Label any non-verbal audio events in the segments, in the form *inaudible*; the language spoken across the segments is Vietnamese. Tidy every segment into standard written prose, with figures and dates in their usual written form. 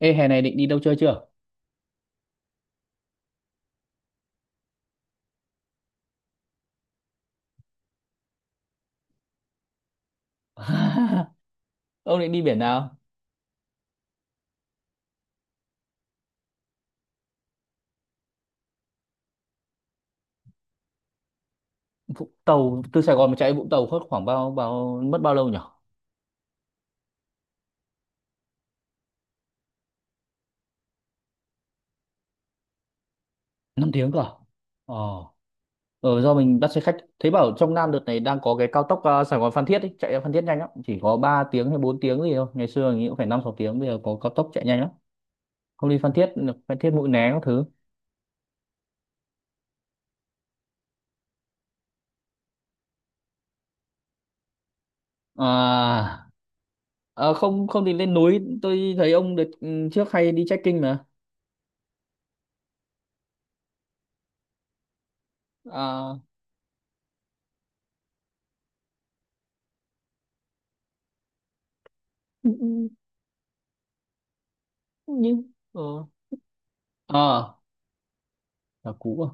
Ê, hè này định đi đâu chơi chưa? *laughs* Ông định đi biển nào? Vũng Tàu, từ Sài Gòn mà chạy Vũng Tàu hết khoảng bao bao mất bao lâu nhỉ? 5 tiếng cơ à? Ờ, ờ do mình bắt xe khách. Thấy bảo trong Nam đợt này đang có cái cao tốc Sài Gòn Phan Thiết ấy, chạy ra Phan Thiết nhanh lắm, chỉ có 3 tiếng hay 4 tiếng gì thôi. Ngày xưa mình nghĩ cũng phải 5-6 tiếng, bây giờ có cao tốc chạy nhanh lắm. Không đi Phan Thiết, Phan Thiết Mũi Né các thứ. À, không không thì lên núi, tôi thấy ông đợt trước hay đi trekking mà. À, nhưng ờ Ờ, là cũ à?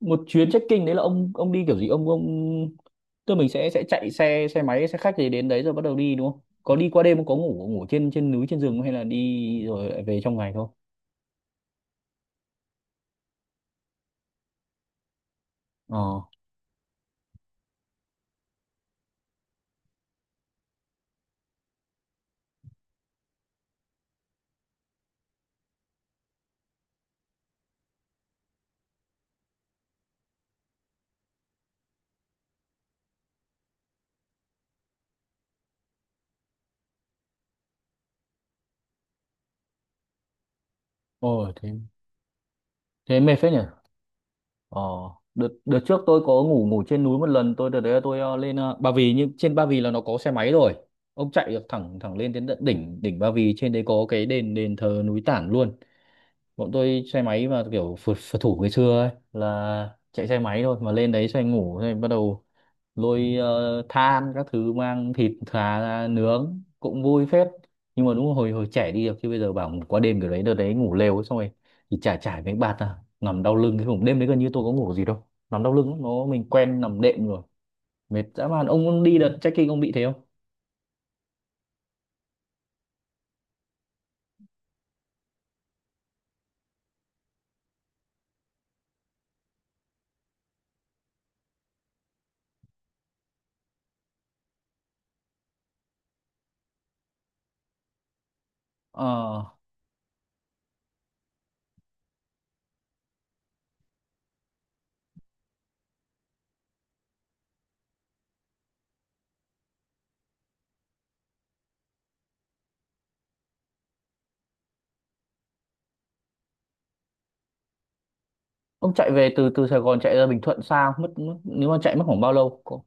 Một chuyến trekking đấy là ông đi kiểu gì ông tức mình sẽ chạy xe xe máy xe khách gì đến đấy rồi bắt đầu đi đúng không, có đi qua đêm không, có ngủ ngủ trên trên núi trên rừng không? Hay là đi rồi lại về trong ngày thôi? ờ Ôi thế thế mệt phết nhỉ. ờ đợt đợt trước tôi có ngủ ngủ trên núi một lần, tôi đợt đấy là tôi lên Ba Vì, nhưng trên Ba Vì là nó có xe máy rồi, ông chạy được thẳng thẳng lên đến tận đỉnh đỉnh Ba Vì, trên đấy có cái đền đền thờ núi Tản luôn. Bọn tôi xe máy mà kiểu phượt thủ ngày xưa ấy, là chạy xe máy thôi mà lên đấy xoay ngủ, rồi bắt đầu lôi than các thứ, mang thịt thà ra nướng cũng vui phết. Nhưng mà đúng là hồi hồi trẻ đi được chứ bây giờ bảo ngủ qua đêm kiểu đấy, đợt đấy ngủ lều ấy, xong rồi thì trải trải mấy bạt à, nằm đau lưng, cái vùng đêm đấy gần như tôi có ngủ gì đâu, nằm đau lưng lắm, nó mình quen nằm đệm rồi. Mệt dã man. Ông đi đợt trekking ông bị thế không? ờ ông chạy về từ từ Sài Gòn chạy ra Bình Thuận sao mất, nếu mà chạy mất khoảng bao lâu? Có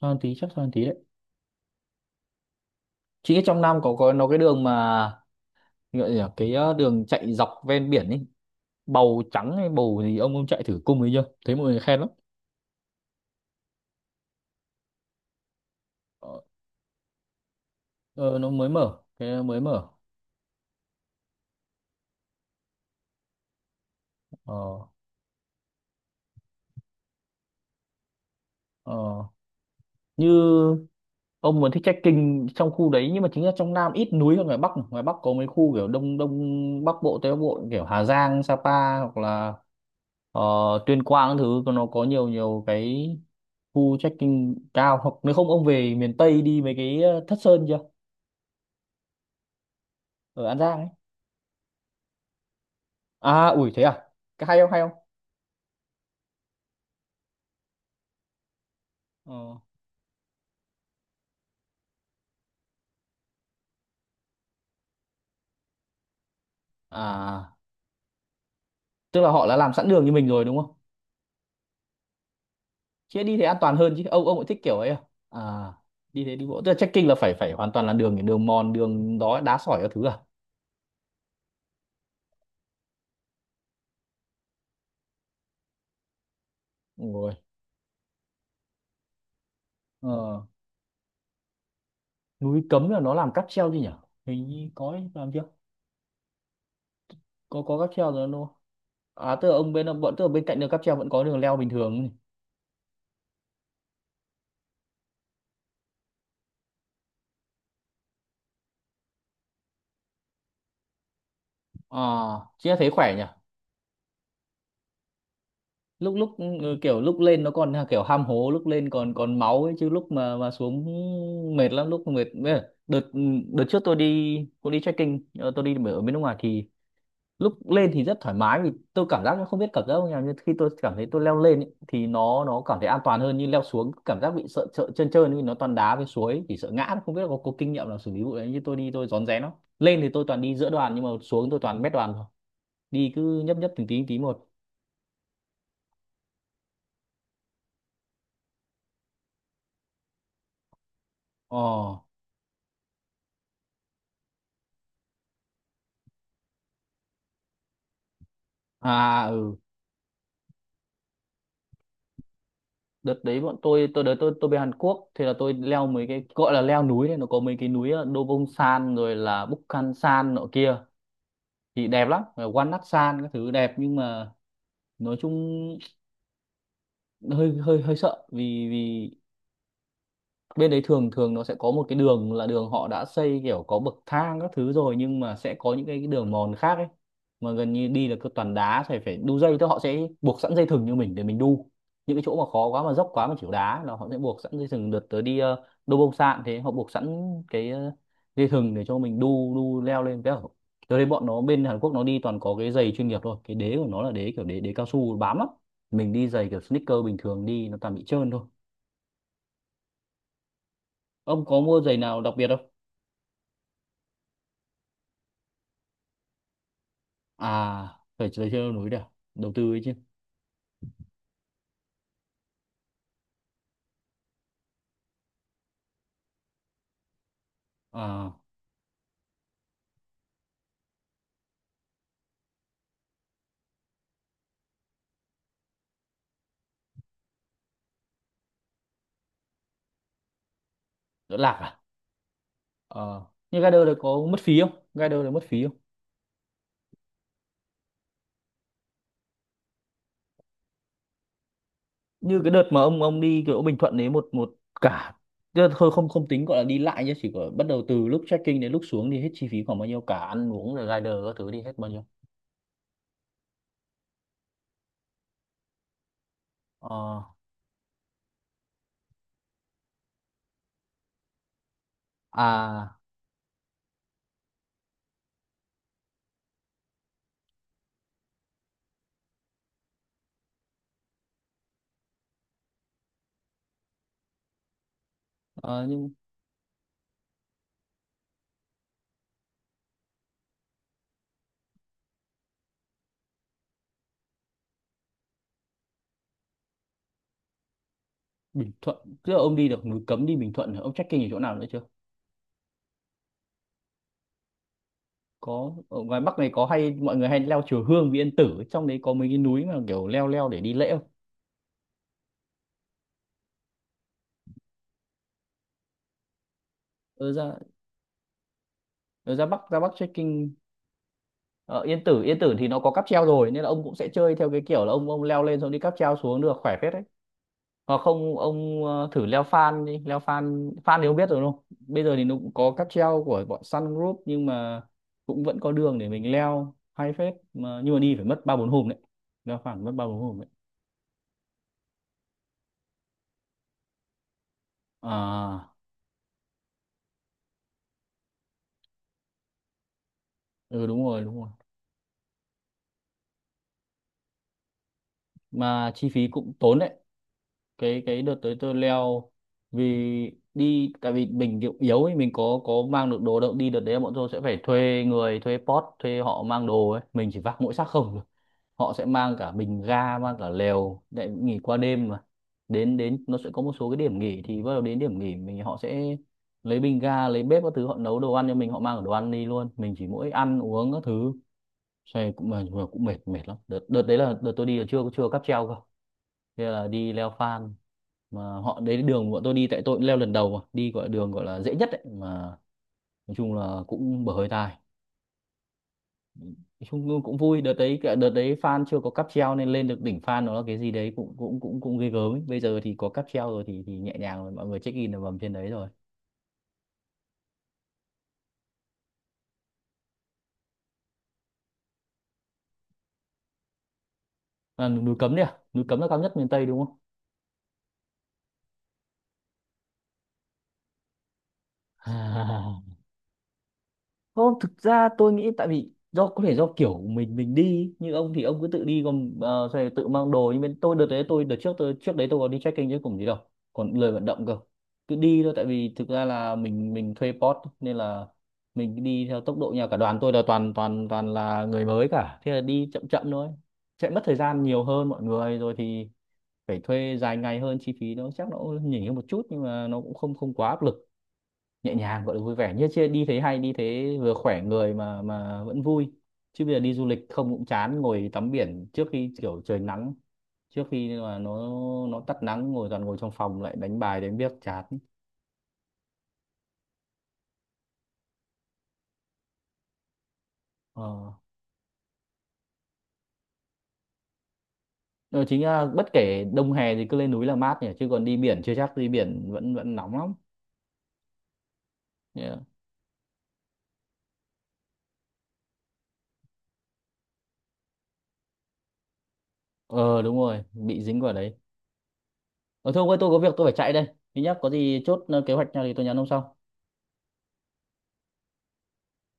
sao tí chắc sao tí đấy. Chị biết trong Nam có nó cái đường mà gọi là gì nhỉ? Cái đường chạy dọc ven biển ấy, bầu trắng hay bầu gì, ông chạy thử cung ấy chưa, thấy mọi người khen lắm. ờ, ờ, nó mới mở, cái mới mở. ờ, ờ. Như ông muốn thích trekking trong khu đấy, nhưng mà chính là trong Nam ít núi hơn ngoài Bắc, ngoài Bắc có mấy khu kiểu đông đông Bắc Bộ, Tây Bắc Bộ kiểu Hà Giang, Sapa, hoặc là ờ, Tuyên Quang các thứ, còn nó có nhiều nhiều cái khu trekking cao. Hoặc nếu không ông về miền Tây đi mấy cái Thất Sơn chưa, ở An Giang ấy. À ủi thế à, cái hay không, hay không? Ờ. À tức là họ đã làm sẵn đường như mình rồi đúng không? Chứ đi thế an toàn hơn chứ, ông cũng thích kiểu ấy à? À đi thế đi bộ, tức là trekking là phải phải hoàn toàn là đường, đường mòn đường đó đá sỏi các thứ à? Đúng rồi. Ờ. Núi Cấm là nó làm cáp treo chứ nhỉ, hình như có ấy, làm chưa? Có cáp treo rồi đúng không? À tức là ông bên bọn, tức là bên cạnh đường cáp treo vẫn có đường leo bình thường? À chứ thế khỏe nhỉ. Lúc lúc kiểu lúc lên nó còn à, kiểu ham hố lúc lên còn còn máu ấy, chứ lúc mà xuống mệt lắm, lúc mệt bây giờ, đợt đợt trước tôi đi, tôi đi trekking tôi đi ở bên nước ngoài thì lúc lên thì rất thoải mái vì tôi cảm giác nó không biết cảm giác như nào, nhưng khi tôi cảm thấy tôi leo lên ấy, thì nó cảm thấy an toàn hơn, nhưng leo xuống cảm giác bị sợ sợ trơn trơn vì nó toàn đá với suối, chỉ sợ ngã, không biết là có kinh nghiệm nào xử lý vụ đấy như, tôi đi tôi rón rén lắm. Lên thì tôi toàn đi giữa đoàn nhưng mà xuống tôi toàn mét đoàn thôi, đi cứ nhấp nhấp từng tí một. Ồ, à ừ. Đợt đấy bọn tôi đợt tôi về Hàn Quốc thì là tôi leo mấy cái gọi là leo núi đấy, nó có mấy cái núi Dobongsan rồi là Bukhansan nọ kia, thì đẹp lắm. Rồi Wannacsan các thứ đẹp, nhưng mà nói chung hơi hơi hơi sợ vì vì bên đấy thường thường nó sẽ có một cái đường là đường họ đã xây kiểu có bậc thang các thứ rồi, nhưng mà sẽ có những cái đường mòn khác ấy, mà gần như đi là cứ toàn đá, phải phải đu dây, tức họ sẽ buộc sẵn dây thừng như mình để mình đu. Những cái chỗ mà khó quá mà dốc quá mà chịu đá là họ sẽ buộc sẵn dây thừng. Đợt tới đi đô bông sạn thế, họ buộc sẵn cái dây thừng để cho mình đu đu leo lên cái. Tớ thấy bọn nó bên Hàn Quốc nó đi toàn có cái giày chuyên nghiệp thôi, cái đế của nó là đế kiểu đế đế cao su bám lắm, mình đi giày kiểu sneaker bình thường đi nó toàn bị trơn thôi. Ông có mua giày nào đặc biệt không? À phải chơi chơi leo núi được, đầu tư ấy chứ. À đỡ lạc à. Ờ, như Gather đấy có mất phí không, Gather đấy mất phí không? Như cái đợt mà ông đi kiểu Bình Thuận đấy một một cả, tức là thôi không không tính gọi là đi lại nhé, chỉ có bắt đầu từ lúc check-in đến lúc xuống thì hết chi phí khoảng bao nhiêu, cả ăn uống rồi rider các thứ đi hết bao nhiêu? ờ à ờ, nhưng Bình Thuận, tức là ông đi được núi Cấm, đi Bình Thuận rồi, ông check-in ở chỗ nào nữa chưa? Có ở ngoài Bắc này có hay mọi người hay leo chùa Hương Vị Yên Tử ấy, trong đấy có mấy cái núi mà kiểu leo leo để đi lễ không? Ừ, ra. Rồi ra Bắc, ra Bắc trekking ở Yên Tử, Yên Tử thì nó có cáp treo rồi nên là ông cũng sẽ chơi theo cái kiểu là ông leo lên xong đi cáp treo xuống được, khỏe phết đấy. Hoặc không ông thử leo Phan đi, leo Phan Phan thì ông biết rồi đúng không, bây giờ thì nó cũng có cáp treo của bọn Sun Group nhưng mà cũng vẫn có đường để mình leo hay phết mà, nhưng mà đi phải mất 3-4 hôm đấy, leo Phan mất 3-4 hôm đấy. À ừ, đúng rồi, đúng rồi, mà chi phí cũng tốn đấy. Cái đợt tới tôi leo, vì đi tại vì mình kiểu yếu ấy, mình có mang được đồ đâu, đi đợt đấy bọn tôi sẽ phải thuê người, thuê pot, thuê họ mang đồ ấy, mình chỉ vác mỗi xác không thôi. Họ sẽ mang cả bình ga, mang cả lều để nghỉ qua đêm mà, đến đến nó sẽ có một số cái điểm nghỉ thì bắt đầu đến điểm nghỉ mình, họ sẽ lấy bình ga lấy bếp các thứ, họ nấu đồ ăn cho mình, họ mang cả đồ ăn đi luôn, mình chỉ mỗi ăn uống các thứ. Xe cũng mà cũng mệt mệt lắm. Đợt đợt đấy là đợt tôi đi là chưa chưa cáp treo cơ, thế là đi leo Phan mà họ đấy đường bọn tôi đi tại tôi cũng leo lần đầu mà đi gọi là đường gọi là dễ nhất ấy mà nói chung là cũng bở hơi tai, nói chung cũng vui. Đợt đấy Phan chưa có cáp treo nên lên được đỉnh Phan nó là cái gì đấy cũng cũng cũng cũng ghê gớm ấy. Bây giờ thì có cáp treo rồi thì nhẹ nhàng rồi, mọi người check in ở vầm trên đấy rồi. À, núi Cấm đi à, núi Cấm là cao nhất miền Tây đúng không? *laughs* Không, thực ra tôi nghĩ tại vì do có thể do kiểu của mình đi như ông thì ông cứ tự đi còn rồi tự mang đồ, nhưng bên tôi đợt đấy tôi đợt trước tôi trước đấy tôi có đi trekking chứ cùng gì đâu, còn lười vận động cơ, cứ đi thôi tại vì thực ra là mình thuê pot nên là mình cứ đi theo tốc độ nhà cả đoàn, tôi là toàn toàn toàn là người mới cả, thế là đi chậm chậm thôi, sẽ mất thời gian nhiều hơn mọi người, rồi thì phải thuê dài ngày hơn, chi phí nó chắc nó cũng nhỉnh hơn một chút, nhưng mà nó cũng không không quá áp lực, nhẹ nhàng gọi là vui vẻ, như chia đi thế hay, đi thế vừa khỏe người mà vẫn vui. Chứ bây giờ đi du lịch không cũng chán, ngồi tắm biển trước khi kiểu trời nắng, trước khi mà nó tắt nắng ngồi toàn ngồi trong phòng lại đánh bài đánh biếc chán. Ờ. Ờ, chính ra bất kể đông hè thì cứ lên núi là mát nhỉ, chứ còn đi biển chưa chắc, đi biển vẫn vẫn nóng lắm. Yeah. Ờ đúng rồi, bị dính vào đấy. Ờ Thôi ông ơi, tôi có việc tôi phải chạy đây, thứ nhất có gì chốt kế hoạch nào thì tôi nhắn ông sau.